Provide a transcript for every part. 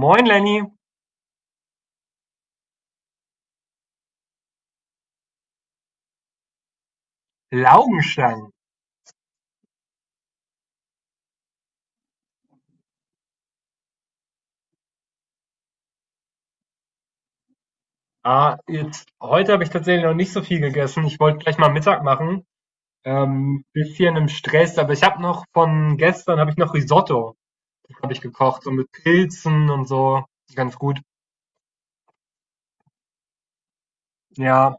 Moin Lenny, Laugenstangen. Ah, jetzt, heute habe ich tatsächlich noch nicht so viel gegessen. Ich wollte gleich mal Mittag machen. Bisschen im Stress, aber ich habe noch von gestern habe ich noch Risotto, habe ich gekocht, so mit Pilzen und so. Ganz gut. Ja,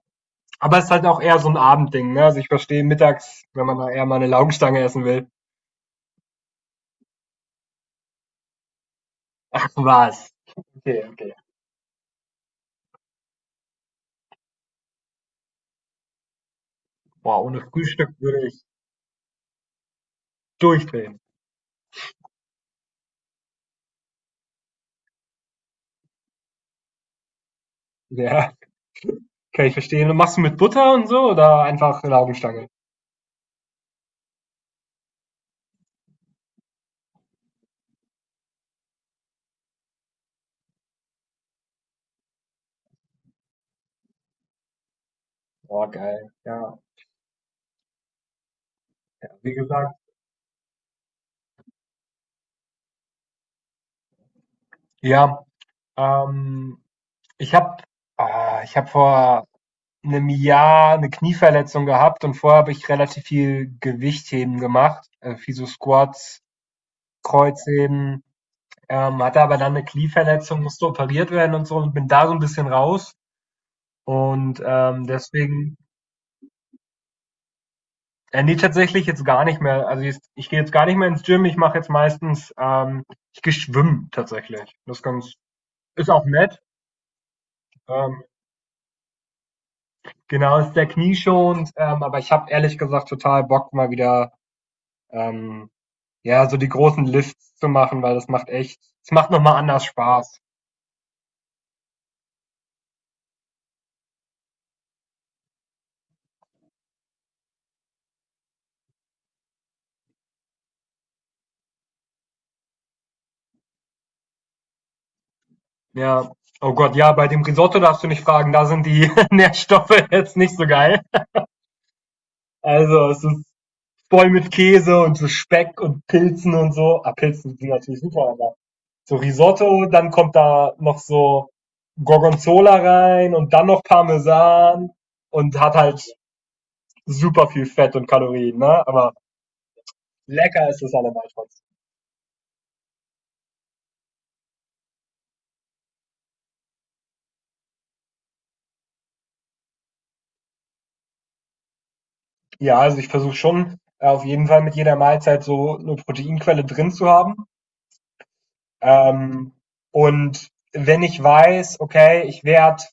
aber es ist halt auch eher so ein Abendding, ne? Also ich verstehe mittags, wenn man da eher mal eine Laugenstange essen will. Ach was? Okay, okay. Boah, ohne Frühstück würde ich durchdrehen. Ja, kann ich verstehen. Und machst du mit Butter und so oder einfach eine Laugenstange? Boah, geil. Ja. Wie gesagt, ja, ähm, ich habe ich habe vor 'nem Jahr eine Knieverletzung gehabt, und vorher habe ich relativ viel Gewichtheben gemacht, viel so Squats, Kreuzheben, hatte aber dann eine Knieverletzung, musste operiert werden und so und bin da so ein bisschen raus und, deswegen ne, tatsächlich jetzt gar nicht mehr. Also, jetzt ich gehe jetzt gar nicht mehr ins Gym. Ich mache jetzt meistens, ich gehe schwimmen tatsächlich. Das ist ganz, ist auch nett, ähm genau, ist sehr knieschonend, aber ich habe ehrlich gesagt total Bock, mal wieder ähm, ja, so die großen Lifts zu machen, weil das macht echt, es macht nochmal anders Spaß. Ja. Oh Gott, ja, bei dem Risotto darfst du nicht fragen, da sind die Nährstoffe jetzt nicht so geil. Also es ist voll mit Käse und so Speck und Pilzen und so. Ah, Pilzen sind natürlich super, aber so Risotto, dann kommt da noch so Gorgonzola rein und dann noch Parmesan und hat halt super viel Fett und Kalorien, ne? Aber lecker ist es allemal trotzdem. Ja, also ich versuche schon auf jeden Fall mit jeder Mahlzeit so eine Proteinquelle drin zu haben. Ähm, und wenn ich weiß, okay,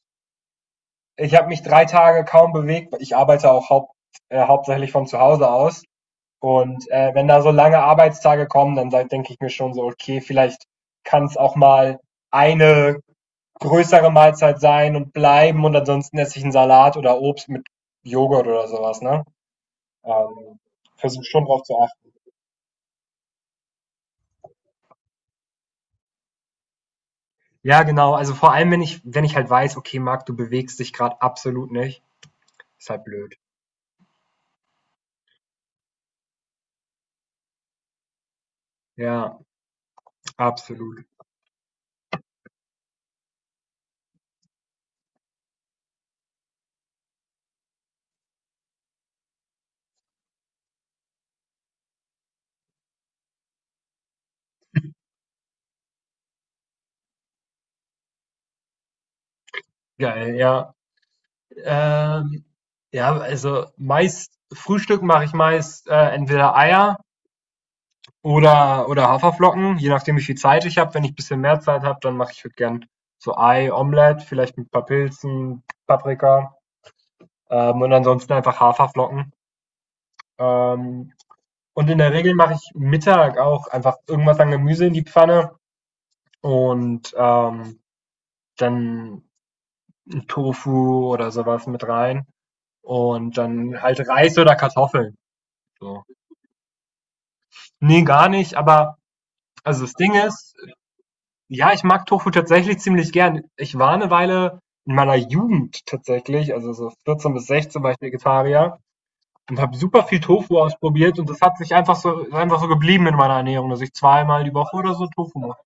ich habe mich 3 Tage kaum bewegt, ich arbeite auch hauptsächlich von zu Hause aus. Und wenn da so lange Arbeitstage kommen, dann denke ich mir schon so, okay, vielleicht kann es auch mal eine größere Mahlzeit sein und bleiben, und ansonsten esse ich 'n Salat oder Obst mit Joghurt oder sowas, ne? Ähm, Versuche schon drauf zu achten. Ja, genau. Also, vor allem, wenn ich halt weiß: „Okay, Marc, du bewegst dich gerade absolut nicht.“ Ist halt blöd. Ja, absolut. Geil, ja. Ähm, ja, also, meist Frühstück mache ich meist, entweder Eier oder Haferflocken, je nachdem, wie viel Zeit ich habe. Wenn ich ein bisschen mehr Zeit habe, dann mache ich halt gern so Ei, Omelette, vielleicht mit ein paar Pilzen, Paprika. Und ansonsten einfach Haferflocken. Ähm, und in der Regel mache ich Mittag auch einfach irgendwas an Gemüse in die Pfanne und dann ein Tofu oder sowas mit rein. Und dann halt Reis oder Kartoffeln. So. Nee, gar nicht, aber also das Ding ist, ja, ich mag Tofu tatsächlich ziemlich gern. Ich war eine Weile in meiner Jugend tatsächlich, also so 14 bis 16 war ich Vegetarier. Und habe super viel Tofu ausprobiert, und das hat sich einfach so, ist einfach so geblieben in meiner Ernährung, dass ich zweimal die Woche oder so Tofu mache.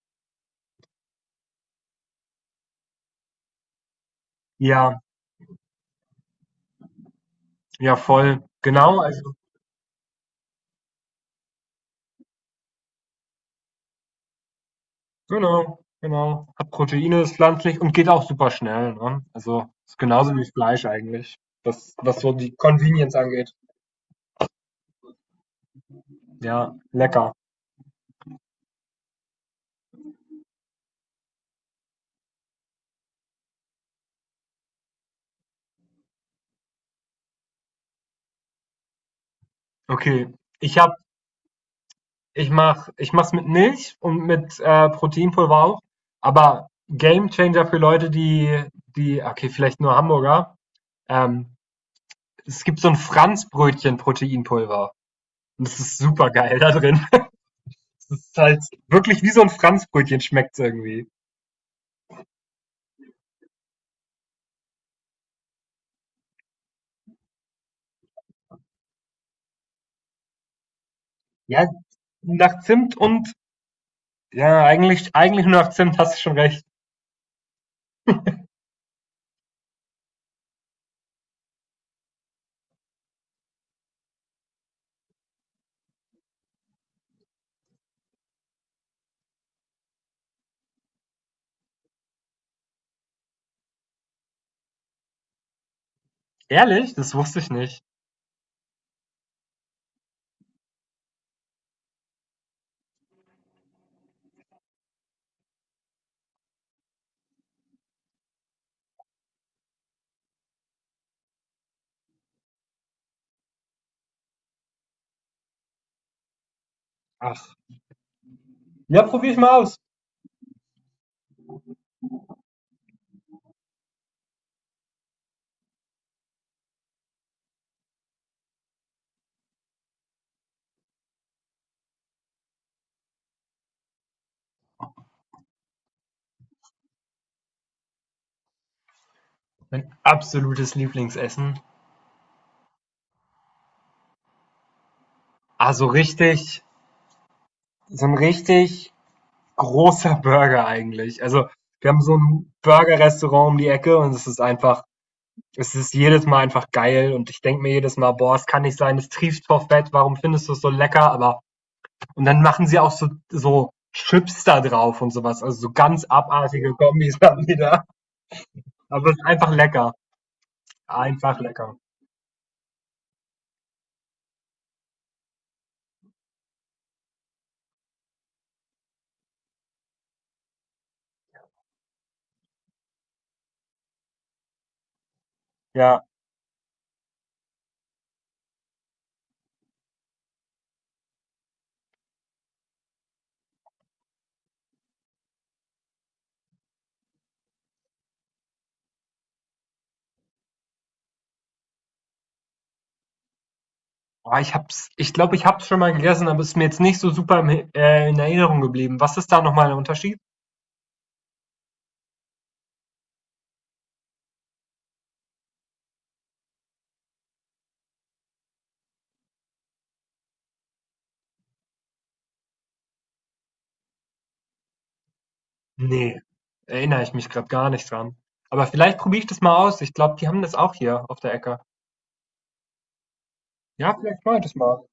Ja, ja, voll. Genau, also genau, genau. Hat Proteine, ist pflanzlich und geht auch super schnell, ne? Also, ist genauso wie Fleisch eigentlich, was so die Convenience angeht. Ja, lecker. Okay, ich habe ich mache es mit Milch und mit Proteinpulver auch, aber Gamechanger für Leute, die okay, vielleicht nur Hamburger, ähm es gibt so ein Franzbrötchen-Proteinpulver. Und das ist supergeil da drin. Es ist halt wirklich, wie so ein Franzbrötchen schmeckt es irgendwie. Ja, nach Zimt und, ja, eigentlich nur nach Zimt, hast du schon recht. Ehrlich? Das wusste ich nicht. Ach. Ja, probier ich mal aus. Mein absolutes Lieblingsessen. Also richtig, so ein richtig großer Burger eigentlich. Also, wir haben so ein Burger-Restaurant um die Ecke und es ist jedes Mal einfach geil, und ich denke mir jedes Mal, boah, es kann nicht sein, es trieft vor Fett, warum findest du es so lecker? Und dann machen sie auch so, Chips da drauf und sowas, also so ganz abartige Kombis haben die da. Aber es ist einfach lecker. Einfach lecker. Ja. Ah, ich glaube, ich hab's schon mal gegessen, aber es ist mir jetzt nicht so super in Erinnerung geblieben. Was ist da nochmal der Unterschied? Nee, erinnere ich mich gerade gar nicht dran. Aber vielleicht probiere ich das mal aus. Ich glaube, die haben das auch hier auf der Ecke. Ja, vielleicht mache ich das mal.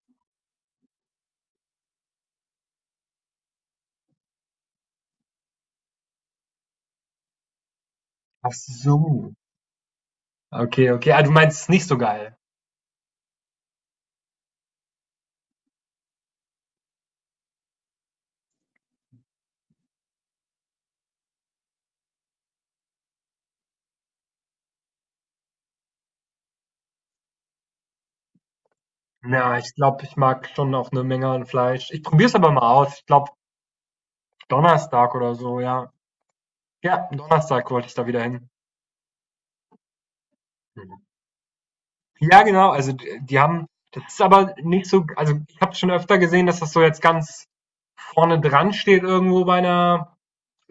Ach so. Okay, okay. Ah, du meinst es nicht so geil. Na, ich glaube, ich mag schon auch eine Menge an Fleisch. Ich probiere es aber mal aus. Ich glaube, Donnerstag oder so, ja. Ja, Donnerstag wollte ich da wieder hin. Mhm. Ja, genau, also d die haben, das ist aber nicht so, also, ich habe schon öfter gesehen, dass das so jetzt ganz vorne dran steht irgendwo bei einer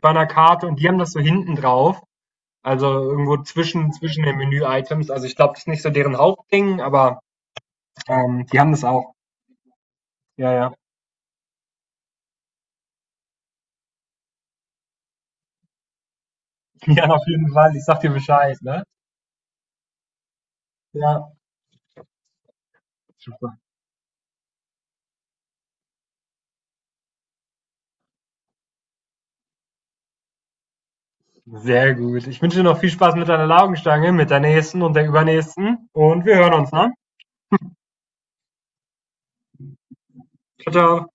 bei einer Karte, und die haben das so hinten drauf, also, irgendwo zwischen den Menü-Items. Also, ich glaube, das ist nicht so deren Hauptding, aber, die haben das auch. Ja, ja. Ja, auf jeden Fall. Ich sag dir Bescheid, ne? Ja. Super. Sehr gut. Ich wünsche dir noch viel Spaß mit deiner Laugenstange, mit der nächsten und der übernächsten. Und wir hören uns, ne? Ciao, ciao.